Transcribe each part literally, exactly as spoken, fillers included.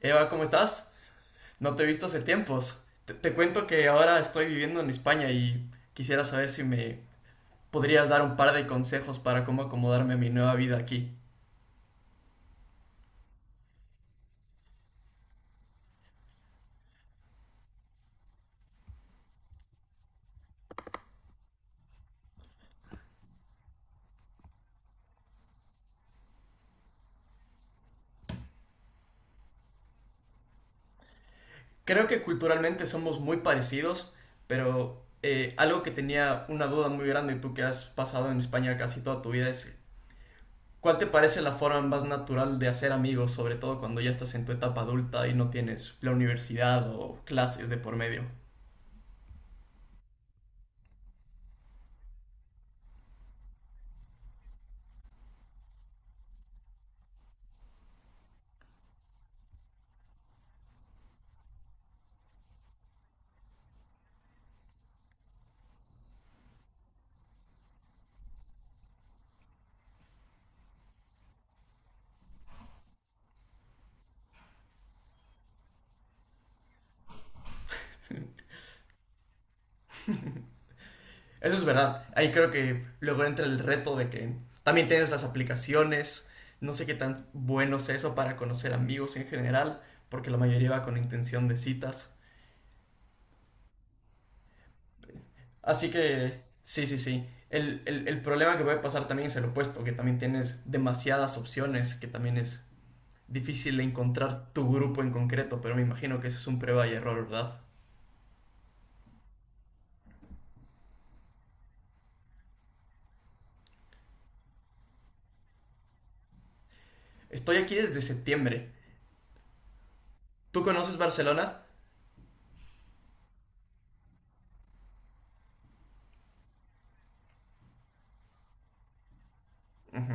Eva, ¿cómo estás? No te he visto hace tiempos. Te, te cuento que ahora estoy viviendo en España y quisiera saber si me podrías dar un par de consejos para cómo acomodarme a mi nueva vida aquí. Creo que culturalmente somos muy parecidos, pero eh, algo que tenía una duda muy grande, tú que has pasado en España casi toda tu vida, es ¿cuál te parece la forma más natural de hacer amigos, sobre todo cuando ya estás en tu etapa adulta y no tienes la universidad o clases de por medio? Eso es verdad. Ahí creo que luego entra el reto de que también tienes las aplicaciones. No sé qué tan bueno es eso para conocer amigos en general, porque la mayoría va con intención de citas. Así que, sí, sí, sí. El, el, el problema que puede pasar también es el opuesto, que también tienes demasiadas opciones, que también es difícil encontrar tu grupo en concreto, pero me imagino que eso es un prueba y error, ¿verdad? Estoy aquí desde septiembre. ¿Tú conoces Barcelona? Ujú,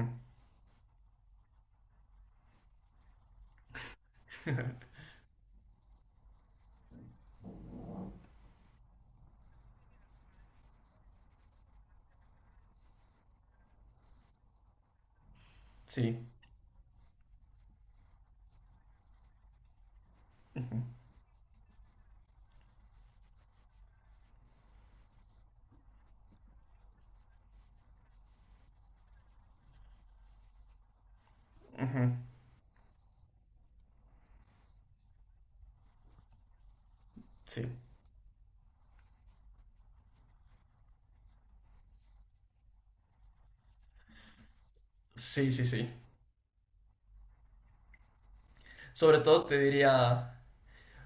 sí. Ujú, sí. Sí, sí, sí. Sobre todo te diría,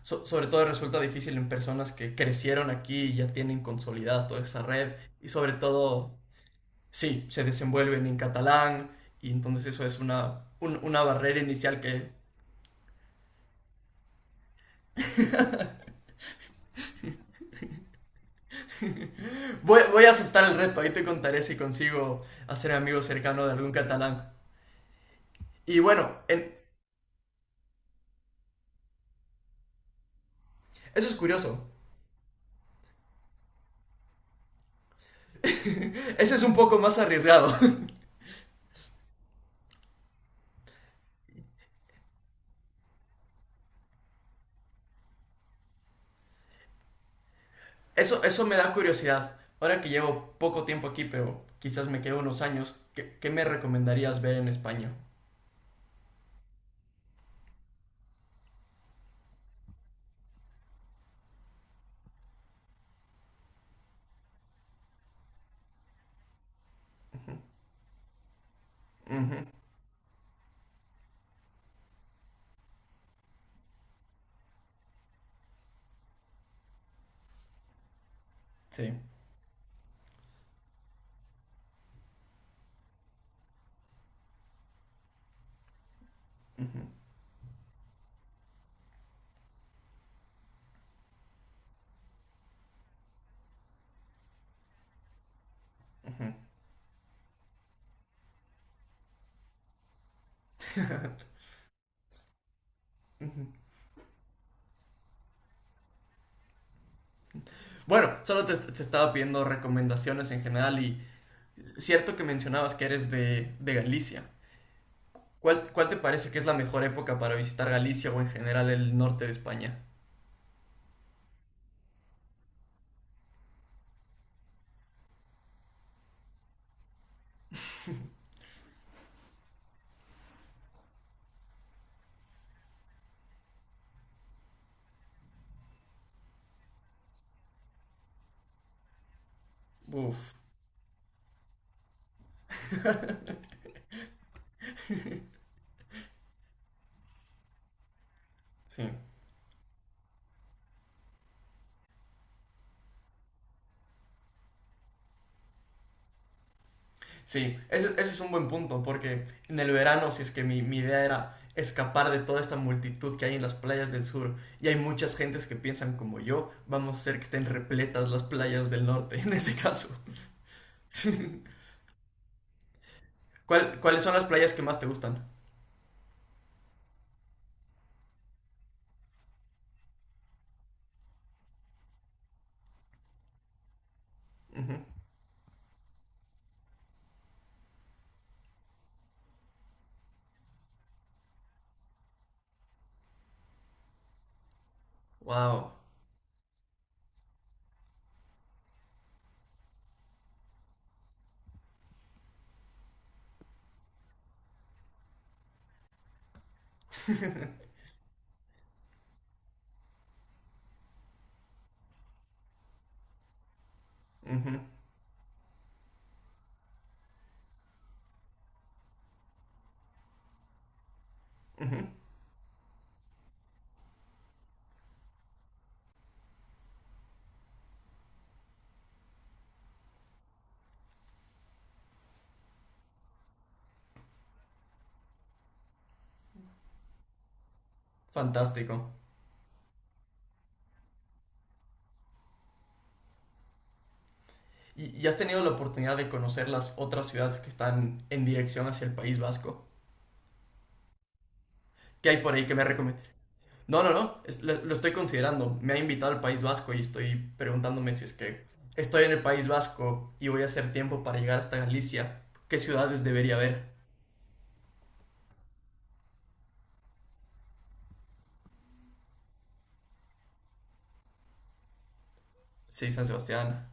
so- sobre todo resulta difícil en personas que crecieron aquí y ya tienen consolidada toda esa red y sobre todo, sí, se desenvuelven en catalán y entonces eso es una, un- una barrera inicial que... Voy, voy a aceptar el reto, ahí te contaré si consigo hacer amigo cercano de algún catalán. Y bueno, en- eso es curioso. Eso es un poco más arriesgado. Eso, eso me da curiosidad. Ahora que llevo poco tiempo aquí, pero quizás me quedo unos años, ¿qué, qué me recomendarías ver en España? Ujú, sí. Ujú. Bueno, solo te, te estaba pidiendo recomendaciones en general y cierto que mencionabas que eres de, de Galicia. ¿Cuál, cuál te parece que es la mejor época para visitar Galicia o en general el norte de España? Uf, sí. Sí, ese, ese es un buen punto, porque en el verano, si es que mi, mi idea era escapar de toda esta multitud que hay en las playas del sur, y hay muchas gentes que piensan como yo, vamos a hacer que estén repletas las playas del norte, en ese caso. ¿Cuál- ¿Cuáles son las playas que más te gustan? Ujú. Wow. Ujú, ujú. Fantástico. ¿Y, y has tenido la oportunidad de conocer las otras ciudades que están en dirección hacia el País Vasco? ¿Qué hay por ahí que me No, no, no, lo estoy considerando. Me ha invitado al País Vasco y estoy preguntándome si es que estoy en el País Vasco y voy a hacer tiempo para llegar hasta Galicia. ¿Qué ciudades debería ver? Sí, San Sebastián.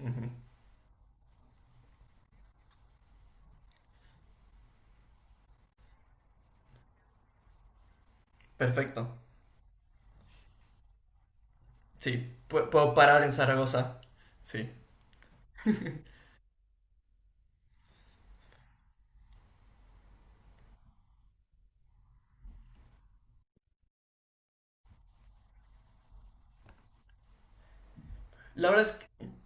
Ujú, perfecto. Sí, pu- puedo parar en Zaragoza. Sí. La verdad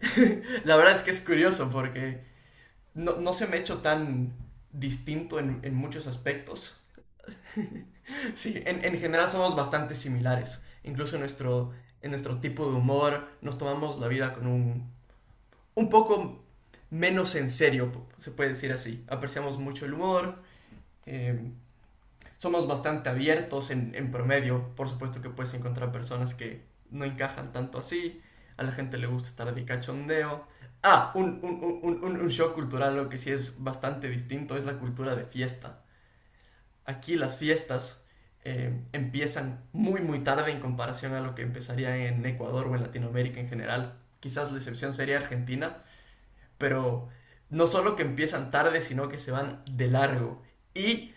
es que, la verdad es que es curioso porque no, no se me ha hecho tan distinto en, en muchos aspectos. Sí, en, en general somos bastante similares. Incluso en nuestro, en nuestro tipo de humor nos tomamos la vida con un, un poco menos en serio, se puede decir así. Apreciamos mucho el humor, eh, somos bastante abiertos en, en promedio. Por supuesto que puedes encontrar personas que no encajan tanto así. A la gente le gusta estar de cachondeo. Ah, un, un, un, un, un show cultural, lo que sí es bastante distinto, es la cultura de fiesta. Aquí las fiestas eh, empiezan muy muy tarde en comparación a lo que empezaría en Ecuador o en Latinoamérica en general. Quizás la excepción sería Argentina, pero no solo que empiezan tarde, sino que se van de largo. Y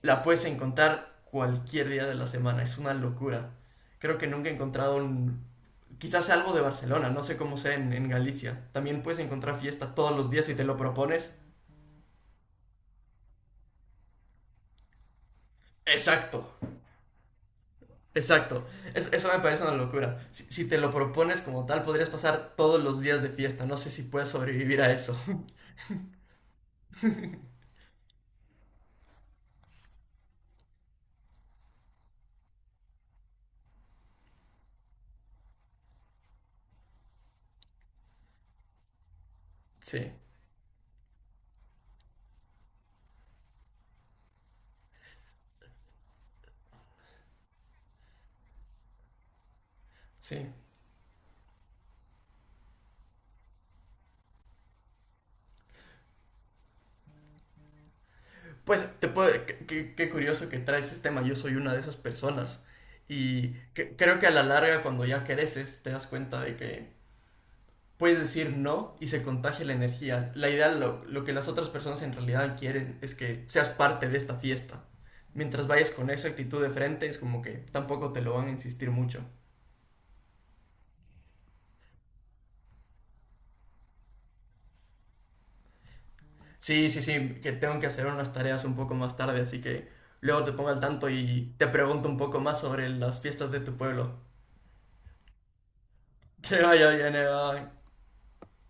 la puedes encontrar cualquier día de la semana, es una locura. Creo que nunca he encontrado un... Quizás sea algo de Barcelona, no sé cómo sea en, en Galicia. También puedes encontrar fiesta todos los días si te lo propones. Exacto, exacto, es- eso me parece una locura. Si, si te lo propones como tal, podrías pasar todos los días de fiesta. No sé si puedes sobrevivir a eso. Sí, sí. Pues te puedo, qué, qué- qué curioso que traes ese tema. Yo soy una de esas personas. Y que- creo que a la larga, cuando ya creces, te das cuenta de que puedes decir no y se contagia la energía. La idea, lo, lo que las otras personas en realidad quieren es que seas parte de esta fiesta. Mientras vayas con esa actitud de frente, es como que tampoco te lo van a insistir mucho. Sí, sí, sí, que tengo que hacer unas tareas un poco más tarde, así que luego te pongo al tanto y te pregunto un poco más sobre las fiestas de tu pueblo. Que vaya bien, Eva.